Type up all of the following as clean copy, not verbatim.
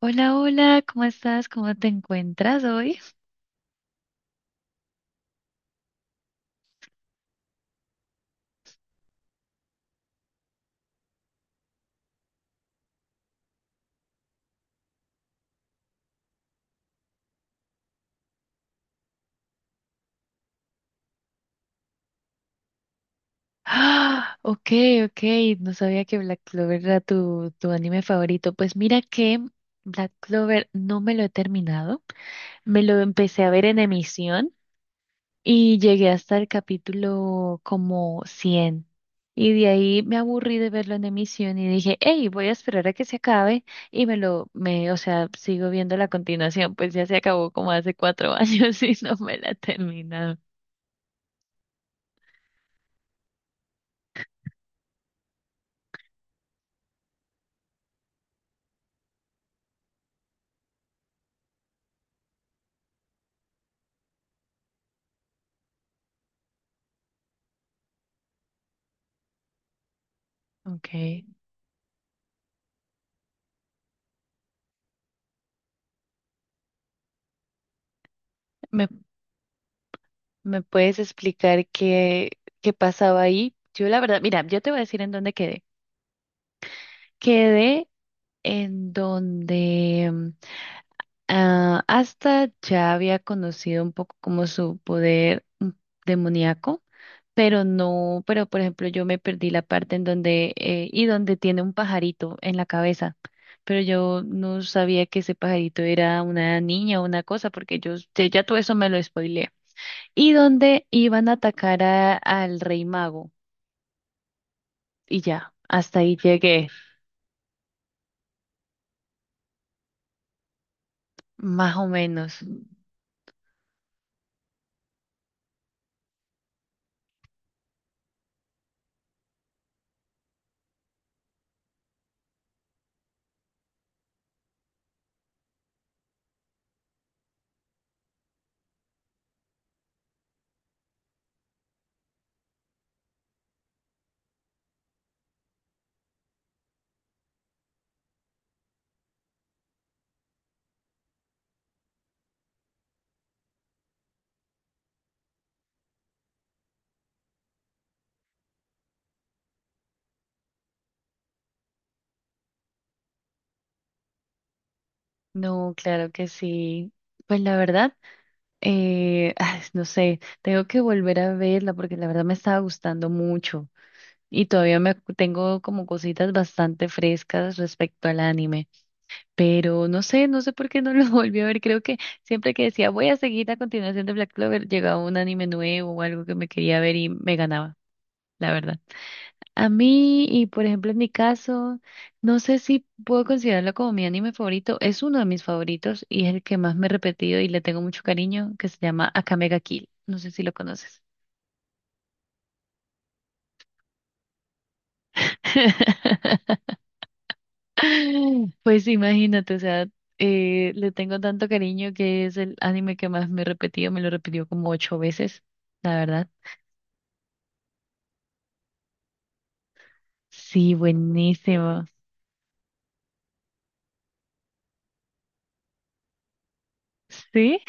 Hola, hola, ¿cómo estás? ¿Cómo te encuentras hoy? Ah, ok, ok, no sabía que Black Clover era tu anime favorito. Pues mira que Black Clover no me lo he terminado, me lo empecé a ver en emisión y llegué hasta el capítulo como 100. Y de ahí me aburrí de verlo en emisión y dije, hey, voy a esperar a que se acabe y o sea, sigo viendo la continuación, pues ya se acabó como hace 4 años y no me la he terminado. Ok. ¿Me, me puedes explicar qué pasaba ahí? Yo la verdad, mira, yo te voy a decir en dónde quedé. Quedé en donde hasta ya había conocido un poco como su poder demoníaco, pero no, pero por ejemplo yo me perdí la parte en donde, y donde tiene un pajarito en la cabeza, pero yo no sabía que ese pajarito era una niña o una cosa, porque yo, ya todo eso me lo spoilearon. Y donde iban a atacar al rey mago. Y ya, hasta ahí llegué, más o menos. No, claro que sí. Pues la verdad, ay, no sé, tengo que volver a verla porque la verdad me estaba gustando mucho y todavía tengo como cositas bastante frescas respecto al anime, pero no sé, no sé por qué no lo volví a ver. Creo que siempre que decía voy a seguir la continuación de Black Clover, llegaba un anime nuevo o algo que me quería ver y me ganaba, la verdad. A mí, y por ejemplo en mi caso, no sé si puedo considerarlo como mi anime favorito, es uno de mis favoritos y es el que más me he repetido y le tengo mucho cariño, que se llama Akame ga Kill. No sé si lo conoces. Pues imagínate, o sea, le tengo tanto cariño que es el anime que más me he repetido, me lo repitió como ocho veces, la verdad. Sí, buenísimo. ¿Sí?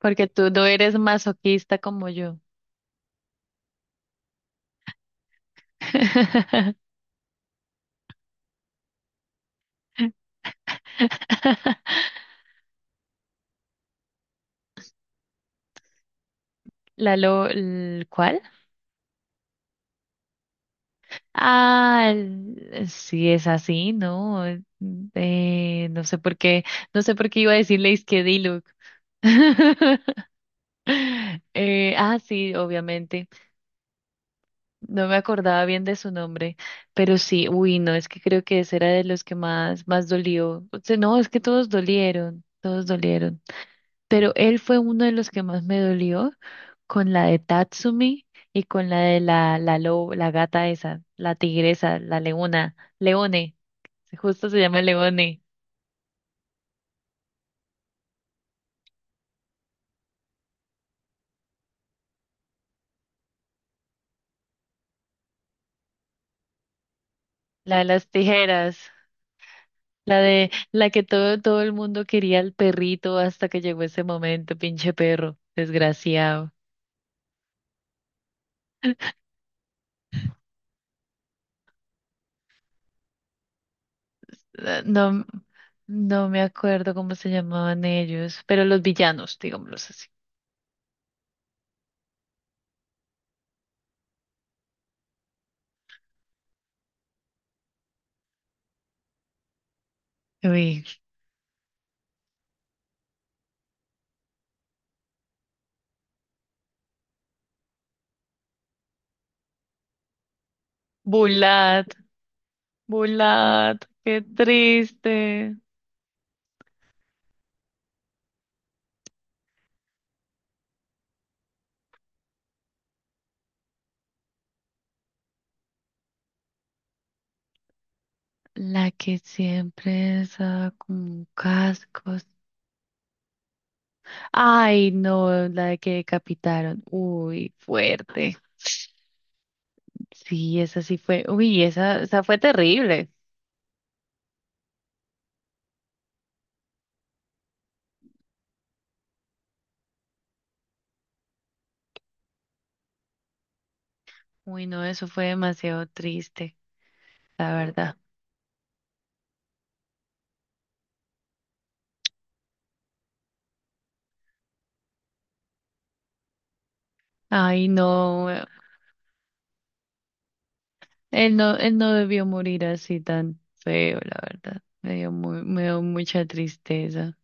Porque tú no eres masoquista como yo. ¿Cuál? Ah, sí es así, ¿no? No sé por qué, no sé por qué iba a decirle es que Diluc. Sí, obviamente. No me acordaba bien de su nombre, pero sí, uy, no, es que creo que ese era de los que más, más dolió. O sea, no, es que todos dolieron, todos dolieron. Pero él fue uno de los que más me dolió con la de Tatsumi y con la de la lobo, la gata esa, la tigresa, la leona, Leone, justo se llama Leone, la de las tijeras, la de la que todo, todo el mundo quería al perrito hasta que llegó ese momento, pinche perro, desgraciado. No, no me acuerdo cómo se llamaban ellos, pero los villanos, digámoslos así. Uy, Bulat, Bulat, qué triste. La que siempre usaba como cascos. Ay, no, la de que decapitaron. Uy, fuerte. Sí, esa sí fue. Uy, esa fue terrible. Uy, no, eso fue demasiado triste, la verdad. Ay, no, él no, él no debió morir así tan feo, la verdad. Me dio mucha tristeza.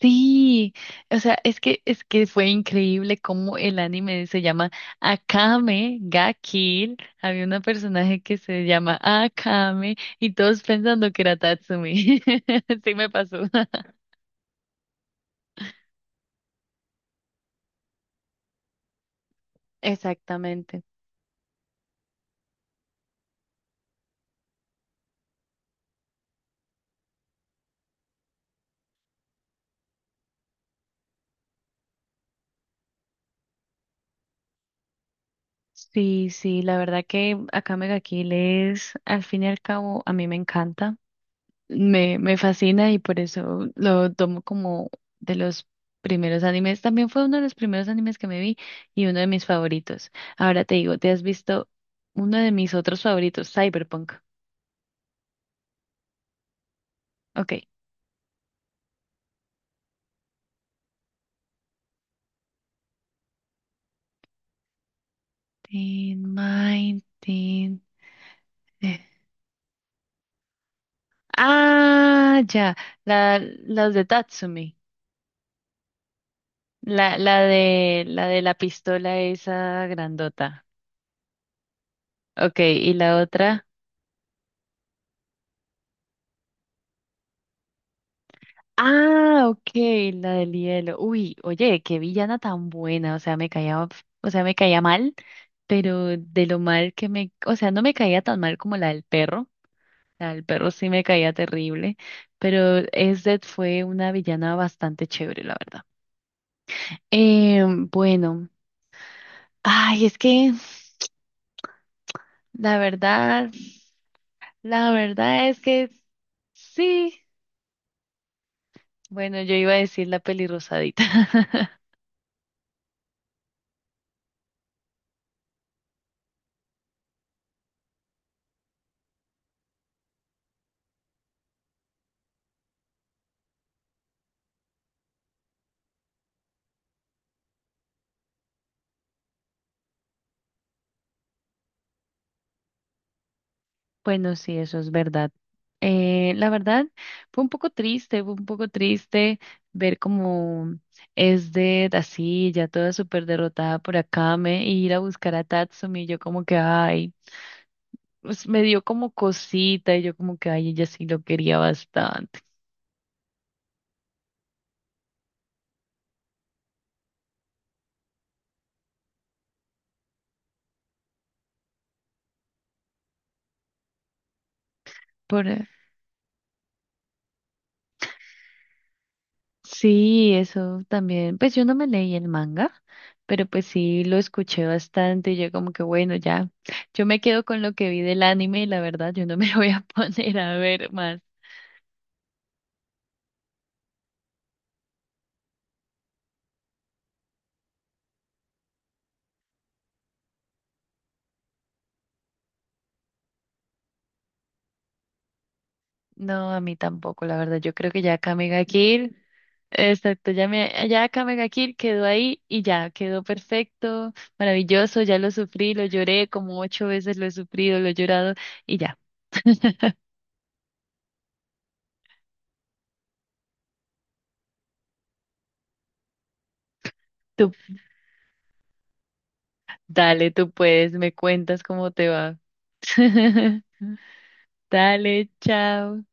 Sí, o sea, es que fue increíble cómo el anime se llama Akame ga Kill. Había una personaje que se llama Akame y todos pensando que era Tatsumi. Sí me pasó. Exactamente. Sí, sí, la verdad que Akame ga Kill es, al fin y al cabo, a mí me encanta. Me fascina y por eso lo tomo como de los primeros animes. También fue uno de los primeros animes que me vi y uno de mis favoritos. Ahora te digo, ¿te has visto uno de mis otros favoritos, Cyberpunk? Ok. Teen Mind, eh. Ah, ya. Las de Tatsumi. La de la pistola esa grandota. Ok, y la otra. Ah, ok, la del hielo. Uy, oye, qué villana tan buena. O sea, me caía mal, pero de lo mal que me, o sea, no me caía tan mal como la del perro. La del perro sí me caía terrible, pero Ezdet fue una villana bastante chévere, la verdad. Eh, bueno, ay, es que la verdad, la verdad es que sí. Bueno, yo iba a decir la peli rosadita. Bueno, sí, eso es verdad. La verdad, fue un poco triste, fue un poco triste ver cómo es de así, ya toda súper derrotada por Akame, y ir a buscar a Tatsumi, y yo como que, ay, pues me dio como cosita, y yo como que, ay, ella sí lo quería bastante. Por, eh, sí, eso también. Pues yo no me leí el manga, pero pues sí lo escuché bastante, y yo como que, bueno, ya. Yo me quedo con lo que vi del anime y la verdad yo no me voy a poner a ver más. No, a mí tampoco, la verdad. Yo creo que ya Kamega Kill, exacto, ya Kamega Kill quedó ahí y ya, quedó perfecto, maravilloso, ya lo sufrí, lo lloré como ocho veces, lo he sufrido, lo he llorado y ya. Tú, dale, tú puedes, me cuentas cómo te va. Dale, chao.